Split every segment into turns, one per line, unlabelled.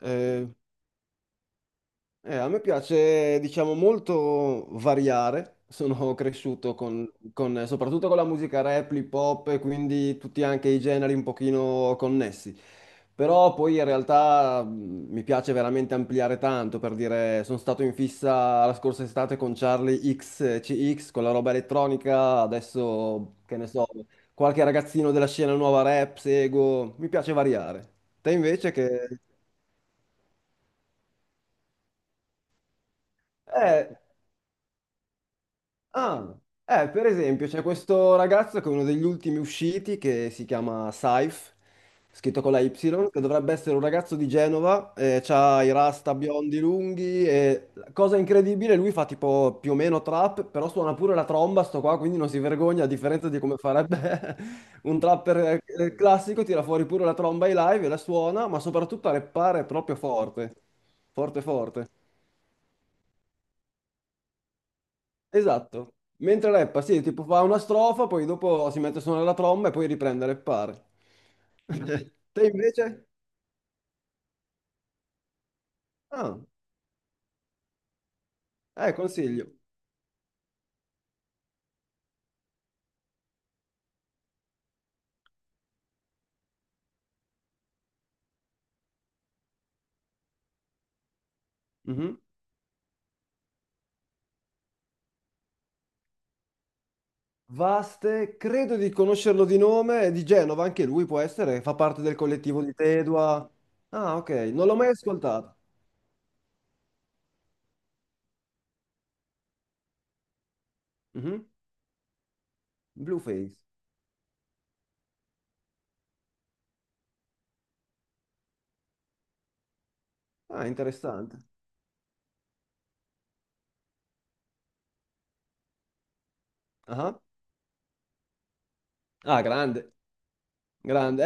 Eh, a me piace, diciamo, molto variare. Sono cresciuto soprattutto con la musica rap, hip hop e quindi tutti anche i generi un pochino connessi. Però poi in realtà mi piace veramente ampliare tanto, per dire, sono stato in fissa la scorsa estate con Charlie XCX, con la roba elettronica, adesso, che ne so, qualche ragazzino della scena nuova rap, seguo, mi piace variare. Te invece che... Eh, ah, per esempio, c'è questo ragazzo che è uno degli ultimi usciti che si chiama Saif, scritto con la Y, che dovrebbe essere un ragazzo di Genova, ha i rasta biondi lunghi e cosa incredibile, lui fa tipo più o meno trap, però suona pure la tromba, sto qua, quindi non si vergogna, a differenza di come farebbe un trapper classico, tira fuori pure la tromba ai live e la suona, ma soprattutto a rappare proprio forte, forte forte. Esatto. Mentre rappa, sì, tipo fa una strofa, poi dopo si mette a suonare la tromba e poi riprende a rappare. Te invece? Ah, consiglio. Mhm. Vaste, credo di conoscerlo di nome, è di Genova, anche lui può essere, fa parte del collettivo di Tedua. Ah, ok, non l'ho mai ascoltato. Mhm. Blueface. Ah, interessante. Ah, ah, grande. Grande,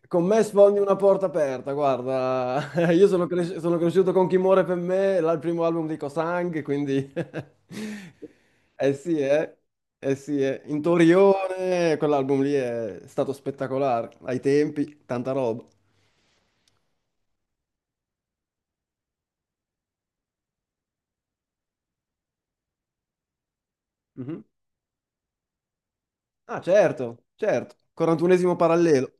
con me sfondi una porta aperta, guarda, io sono, sono cresciuto con Chi muore per me, là il primo album di Cosang, quindi... Eh sì, eh, eh sì, eh. In Torione, quell'album lì è stato spettacolare, ai tempi, tanta roba. Mhm. Ah, certo, certo, 41esimo parallelo,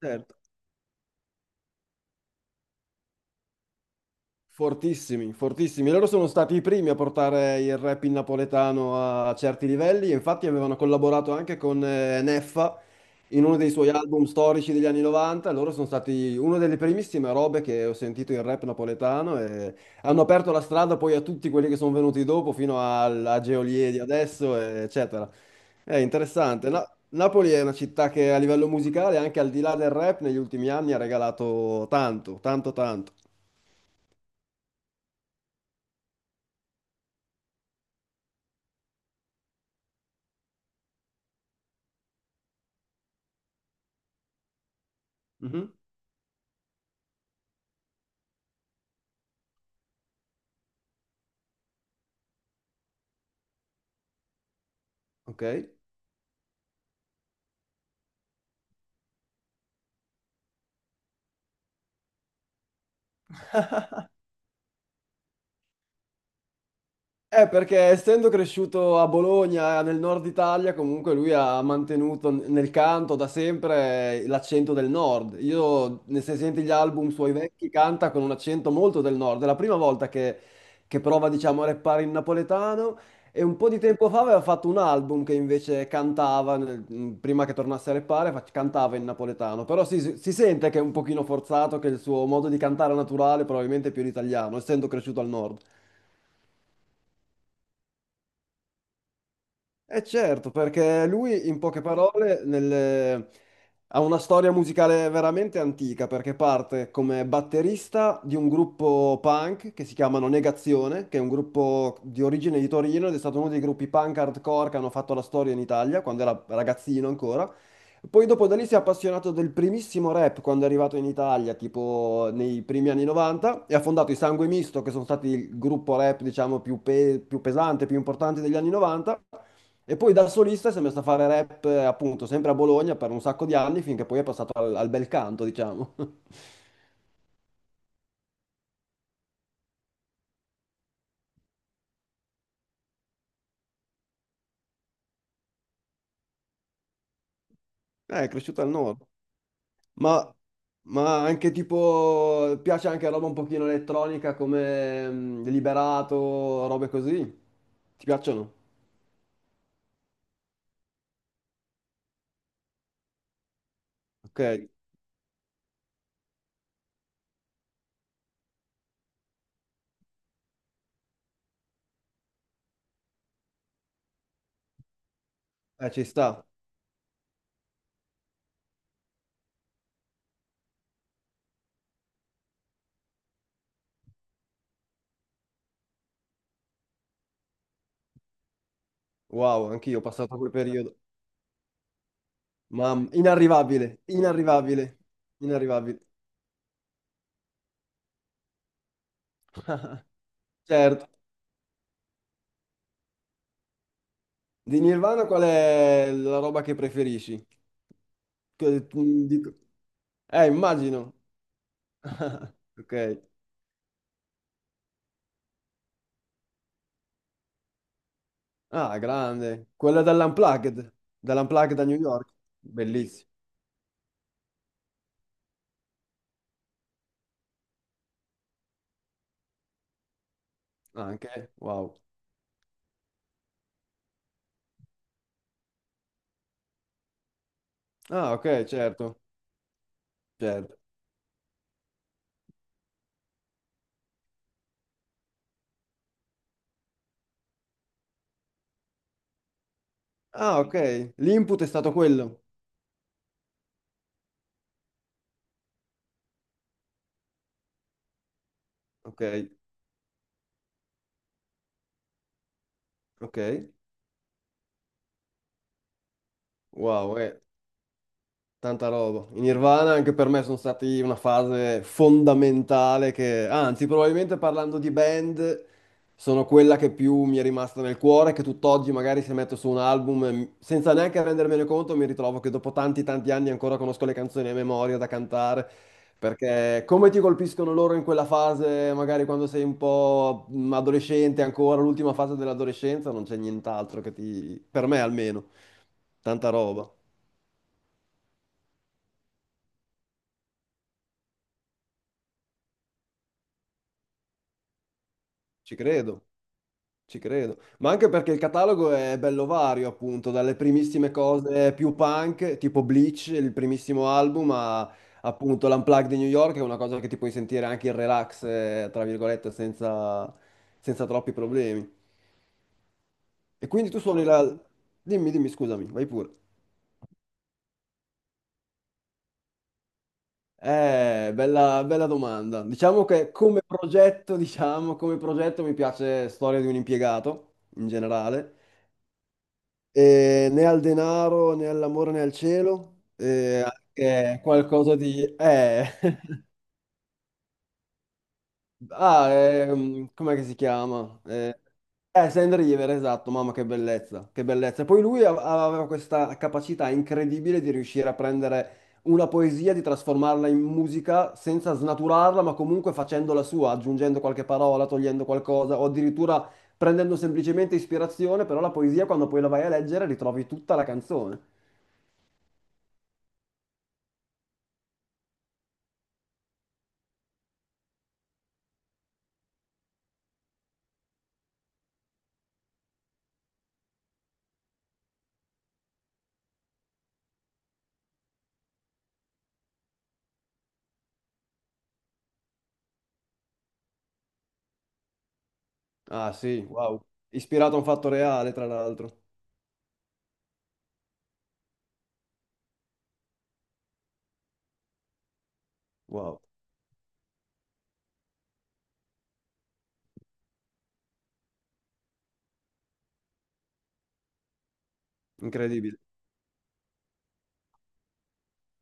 certo. Fortissimi, fortissimi. Loro sono stati i primi a portare il rap in napoletano a certi livelli, e infatti avevano collaborato anche con Neffa in uno dei suoi album storici degli anni 90. Loro sono stati una delle primissime robe che ho sentito in rap napoletano e hanno aperto la strada poi a tutti quelli che sono venuti dopo, fino a Geolier di adesso, eccetera. È interessante. Napoli è una città che a livello musicale, anche al di là del rap, negli ultimi anni ha regalato tanto, tanto, tanto. Mhm. Ok. Perché essendo cresciuto a Bologna, nel nord Italia, comunque lui ha mantenuto nel canto da sempre l'accento del nord. Io, se senti gli album suoi vecchi, canta con un accento molto del nord. È la prima volta che prova, diciamo, a rappare in napoletano. E un po' di tempo fa aveva fatto un album che invece cantava, prima che tornasse a rappare, cantava in napoletano. Però si sente che è un pochino forzato, che il suo modo di cantare naturale probabilmente è più l'italiano, essendo cresciuto al nord. Eh certo, perché lui in poche parole ha una storia musicale veramente antica, perché parte come batterista di un gruppo punk che si chiamano Negazione, che è un gruppo di origine di Torino ed è stato uno dei gruppi punk hardcore che hanno fatto la storia in Italia, quando era ragazzino ancora. Poi dopo da lì si è appassionato del primissimo rap quando è arrivato in Italia, tipo nei primi anni 90, e ha fondato i Sangue Misto, che sono stati il gruppo rap, diciamo, più pesante, più importante degli anni 90. E poi da solista si è messo a fare rap, appunto, sempre a Bologna per un sacco di anni, finché poi è passato al bel canto, diciamo. È cresciuto al nord. Ma, ma anche tipo, piace anche roba un pochino elettronica come Liberato, robe così? Ti piacciono? Ok, ci sta. Wow, anch'io ho passato quel periodo. Mamma, inarrivabile, inarrivabile, inarrivabile. Certo. Di Nirvana qual è la roba che preferisci? Che- mm, di- immagino. Ok. Ah, grande. Quella dell'Unplugged, dell'Unplugged a New York. Bellissimo. Anche, wow. Ah, ok, certo, certo. Ah, ok. L'input è stato quello. Ok, ok. Wow, eh. Tanta roba. I Nirvana anche per me sono stati una fase fondamentale che, anzi, probabilmente parlando di band, sono quella che più mi è rimasta nel cuore, che tutt'oggi magari se metto su un album, senza neanche rendermene conto, mi ritrovo che dopo tanti tanti anni ancora conosco le canzoni a memoria da cantare, perché come ti colpiscono loro in quella fase, magari quando sei un po' adolescente ancora, l'ultima fase dell'adolescenza, non c'è nient'altro che ti, per me almeno, tanta roba. Ci credo. Ci credo, ma anche perché il catalogo è bello vario, appunto, dalle primissime cose più punk, tipo Bleach, il primissimo album, a appunto l'Unplugged di New York, che è una cosa che ti puoi sentire anche in relax, tra virgolette, senza, senza troppi problemi. E quindi tu suoni la... Dimmi, dimmi, scusami, vai pure. Bella, bella domanda. Diciamo che come progetto, diciamo, come progetto mi piace Storia di un impiegato in generale, né al denaro, né all'amore, né al cielo, che è qualcosa di.... Ah, com'è che si chiama? Sand River, esatto, mamma che bellezza, che bellezza. Poi lui aveva questa capacità incredibile di riuscire a prendere una poesia, di trasformarla in musica senza snaturarla, ma comunque facendola sua, aggiungendo qualche parola, togliendo qualcosa, o addirittura prendendo semplicemente ispirazione, però la poesia quando poi la vai a leggere ritrovi tutta la canzone. Ah sì, wow. Ispirato a un fatto reale, tra l'altro. Wow, incredibile.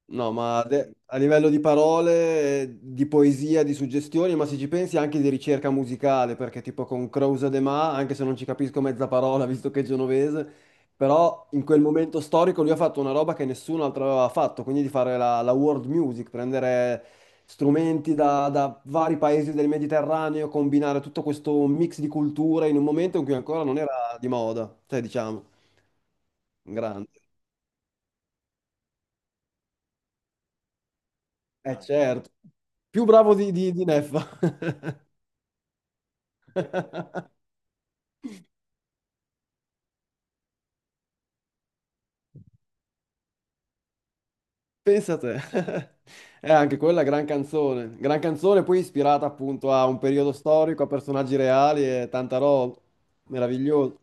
No, ma a livello di parole, di poesia, di suggestioni, ma se ci pensi anche di ricerca musicale, perché tipo con Crouse de Ma, anche se non ci capisco mezza parola, visto che è genovese, però in quel momento storico lui ha fatto una roba che nessun altro aveva fatto, quindi di fare la world music, prendere strumenti da vari paesi del Mediterraneo, combinare tutto questo mix di culture in un momento in cui ancora non era di moda, cioè diciamo, grande. Eh certo, più bravo di Neffa. Pensa te, è anche quella gran canzone poi ispirata appunto a un periodo storico, a personaggi reali e tanta roba, meraviglioso.